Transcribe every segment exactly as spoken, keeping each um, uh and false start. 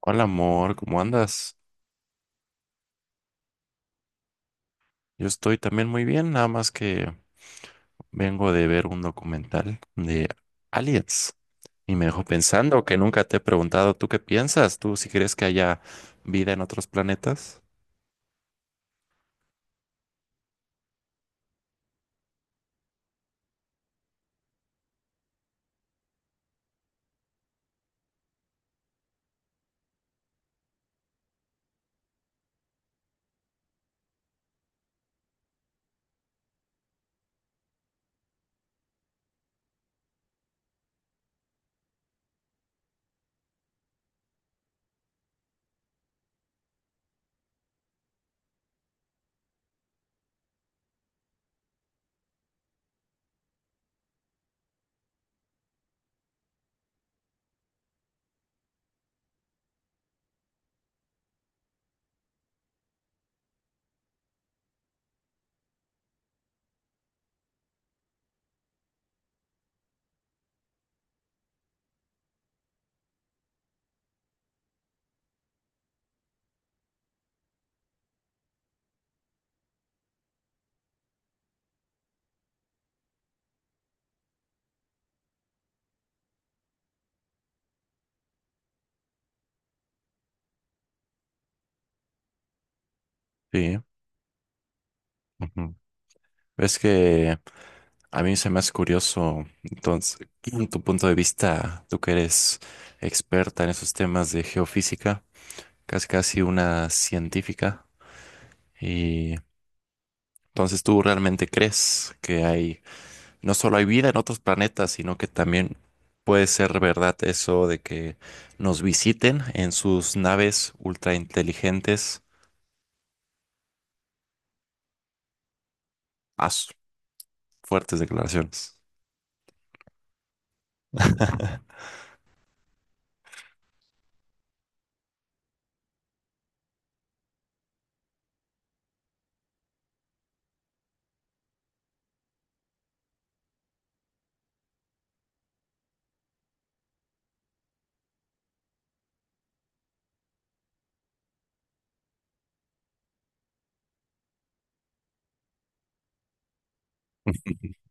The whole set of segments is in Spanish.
Hola amor, ¿cómo andas? Yo estoy también muy bien, nada más que vengo de ver un documental de Aliens y me dejó pensando que nunca te he preguntado, ¿tú qué piensas? ¿Tú si crees que haya vida en otros planetas? Sí, ujú. Es que a mí se me hace curioso, entonces, tu punto de vista, tú que eres experta en esos temas de geofísica, casi casi una científica, y entonces tú realmente crees que hay... No solo hay vida en otros planetas, sino que también puede ser verdad eso de que nos visiten en sus naves ultra inteligentes. As fuertes declaraciones.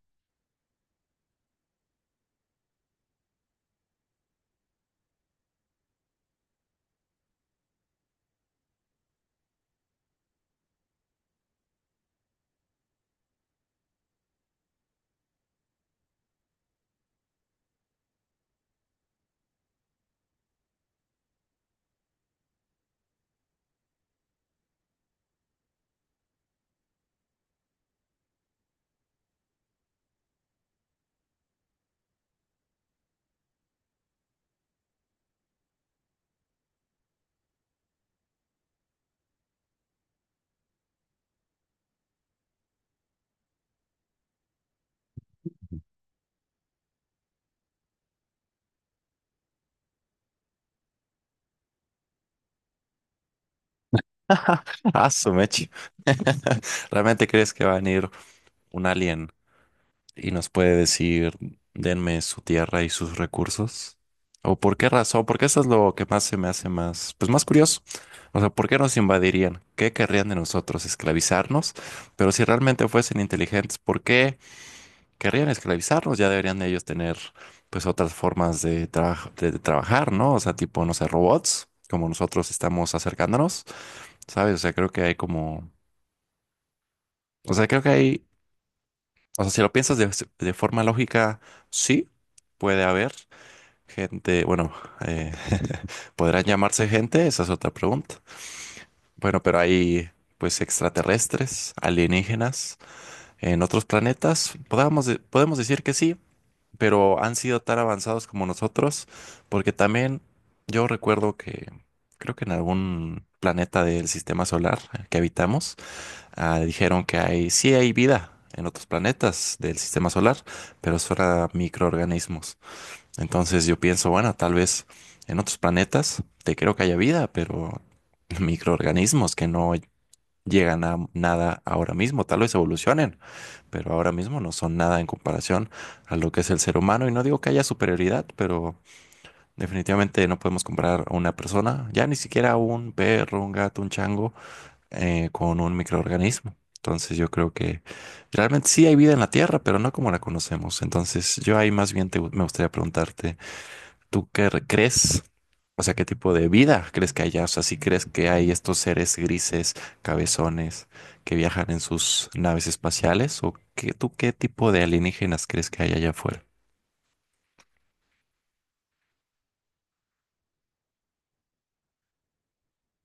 Ah, su mecha. ¿Realmente crees que va a venir un alien y nos puede decir, denme su tierra y sus recursos? ¿O por qué razón? Porque eso es lo que más se me hace más, pues más curioso. O sea, ¿por qué nos invadirían? ¿Qué querrían de nosotros? ¿Esclavizarnos? Pero si realmente fuesen inteligentes, ¿por qué querrían esclavizarnos? Ya deberían ellos tener pues otras formas de, traj- de de trabajar, ¿no? O sea, tipo, no sé, robots, como nosotros estamos acercándonos, ¿sabes? O sea, creo que hay como, o sea, creo que hay... O sea, si lo piensas de, de forma lógica, sí, puede haber gente, bueno, eh, ¿podrán llamarse gente? Esa es otra pregunta. Bueno, pero hay pues extraterrestres, alienígenas en otros planetas. Podamos de- podemos decir que sí, pero han sido tan avanzados como nosotros, porque también yo recuerdo que creo que en algún planeta del sistema solar que habitamos, ah, dijeron que hay, sí hay vida en otros planetas del sistema solar, pero eso era microorganismos. Entonces yo pienso, bueno, tal vez en otros planetas te creo que haya vida, pero microorganismos que no llegan a nada ahora mismo, tal vez evolucionen, pero ahora mismo no son nada en comparación a lo que es el ser humano. Y no digo que haya superioridad, pero definitivamente no podemos comparar a una persona, ya ni siquiera a un perro, un gato, un chango eh, con un microorganismo. Entonces yo creo que realmente sí hay vida en la Tierra, pero no como la conocemos. Entonces yo ahí más bien te gu- me gustaría preguntarte, ¿tú qué re- crees? O sea, ¿qué tipo de vida crees que haya? O sea, ¿si crees que hay estos seres grises, cabezones, que viajan en sus naves espaciales? ¿O qué, tú qué tipo de alienígenas crees que hay allá afuera?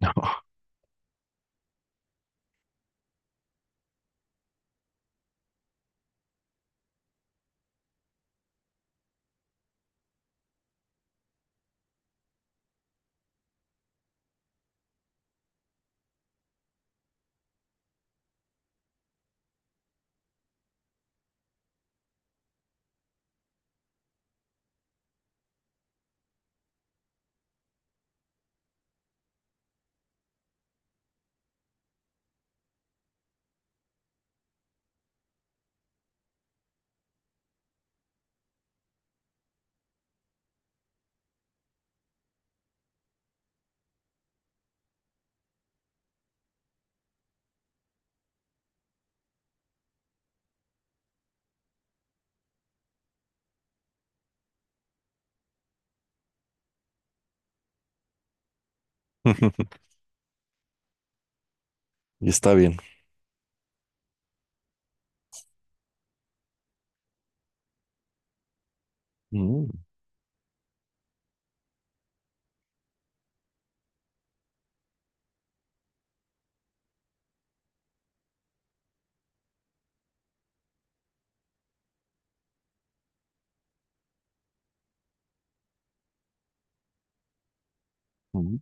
No. Y está bien. Mm, mm.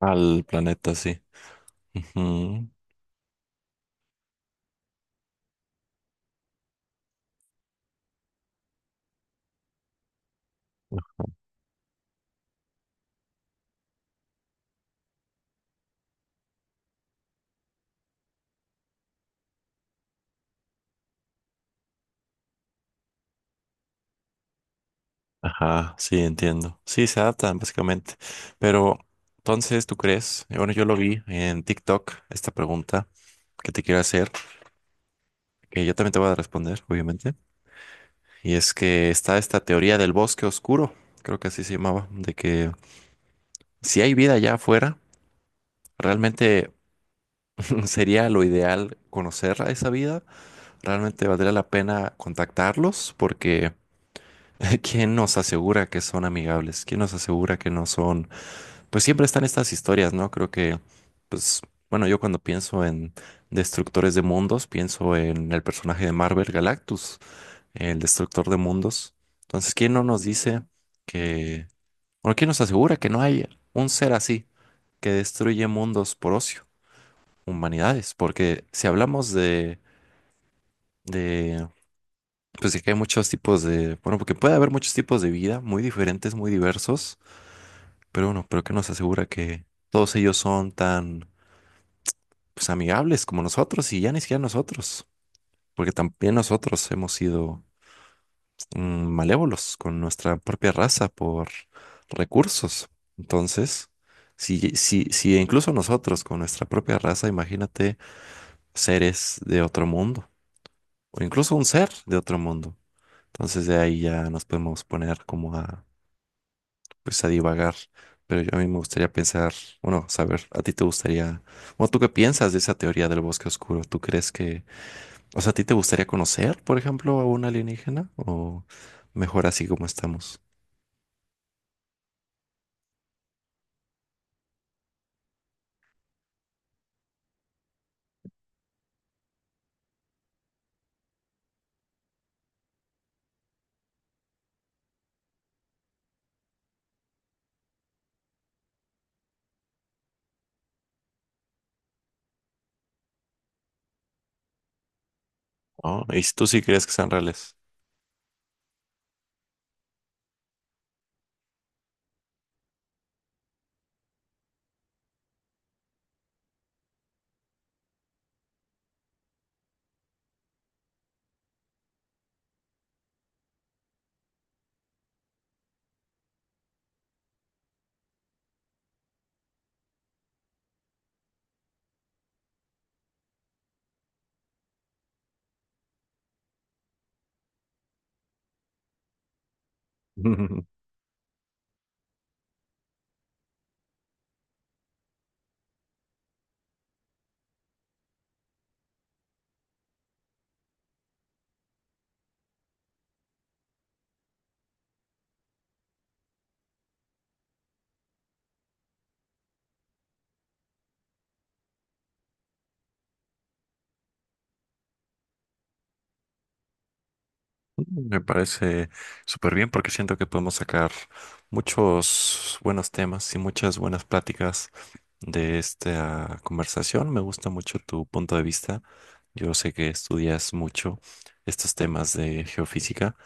Al planeta, sí. Ujú. Ajá, sí, entiendo. Sí, se adaptan básicamente. Pero entonces, ¿tú crees? Eh, Bueno, yo lo vi en TikTok, esta pregunta que te quiero hacer, que yo también te voy a responder, obviamente. Y es que está esta teoría del bosque oscuro, creo que así se llamaba, de que si hay vida allá afuera, realmente sería lo ideal conocer a esa vida, realmente valdría la pena contactarlos porque ¿quién nos asegura que son amigables? ¿Quién nos asegura que no son... Pues siempre están estas historias, ¿no? Creo que, pues, bueno, yo cuando pienso en destructores de mundos, pienso en el personaje de Marvel Galactus, el destructor de mundos. Entonces, ¿quién no nos dice que, bueno, quién nos asegura que no hay un ser así que destruye mundos por ocio, humanidades? Porque si hablamos de, de, pues, de que hay muchos tipos de, bueno, porque puede haber muchos tipos de vida muy diferentes, muy diversos, pero bueno, pero ¿qué nos asegura que todos ellos son tan pues amigables como nosotros? Y ya ni siquiera nosotros, porque también nosotros hemos sido mm, malévolos con nuestra propia raza por recursos. Entonces, si, si, si incluso nosotros con nuestra propia raza, imagínate seres de otro mundo o incluso un ser de otro mundo. Entonces de ahí ya nos podemos poner como a, pues a divagar. Pero yo a mí me gustaría pensar, bueno, saber, a ti te gustaría, bueno, ¿tú qué piensas de esa teoría del bosque oscuro? ¿Tú crees que... O sea, ¿a ti te gustaría conocer, por ejemplo, a un alienígena? ¿O mejor así como estamos? Oh, ¿y si tú sí crees que sean reales? Me parece súper bien porque siento que podemos sacar muchos buenos temas y muchas buenas pláticas de esta conversación. Me gusta mucho tu punto de vista. Yo sé que estudias mucho estos temas de geofísica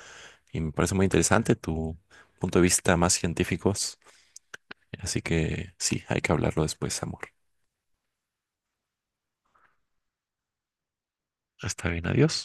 y me parece muy interesante tu punto de vista más científicos. Así que sí, hay que hablarlo después, amor. Está bien, adiós.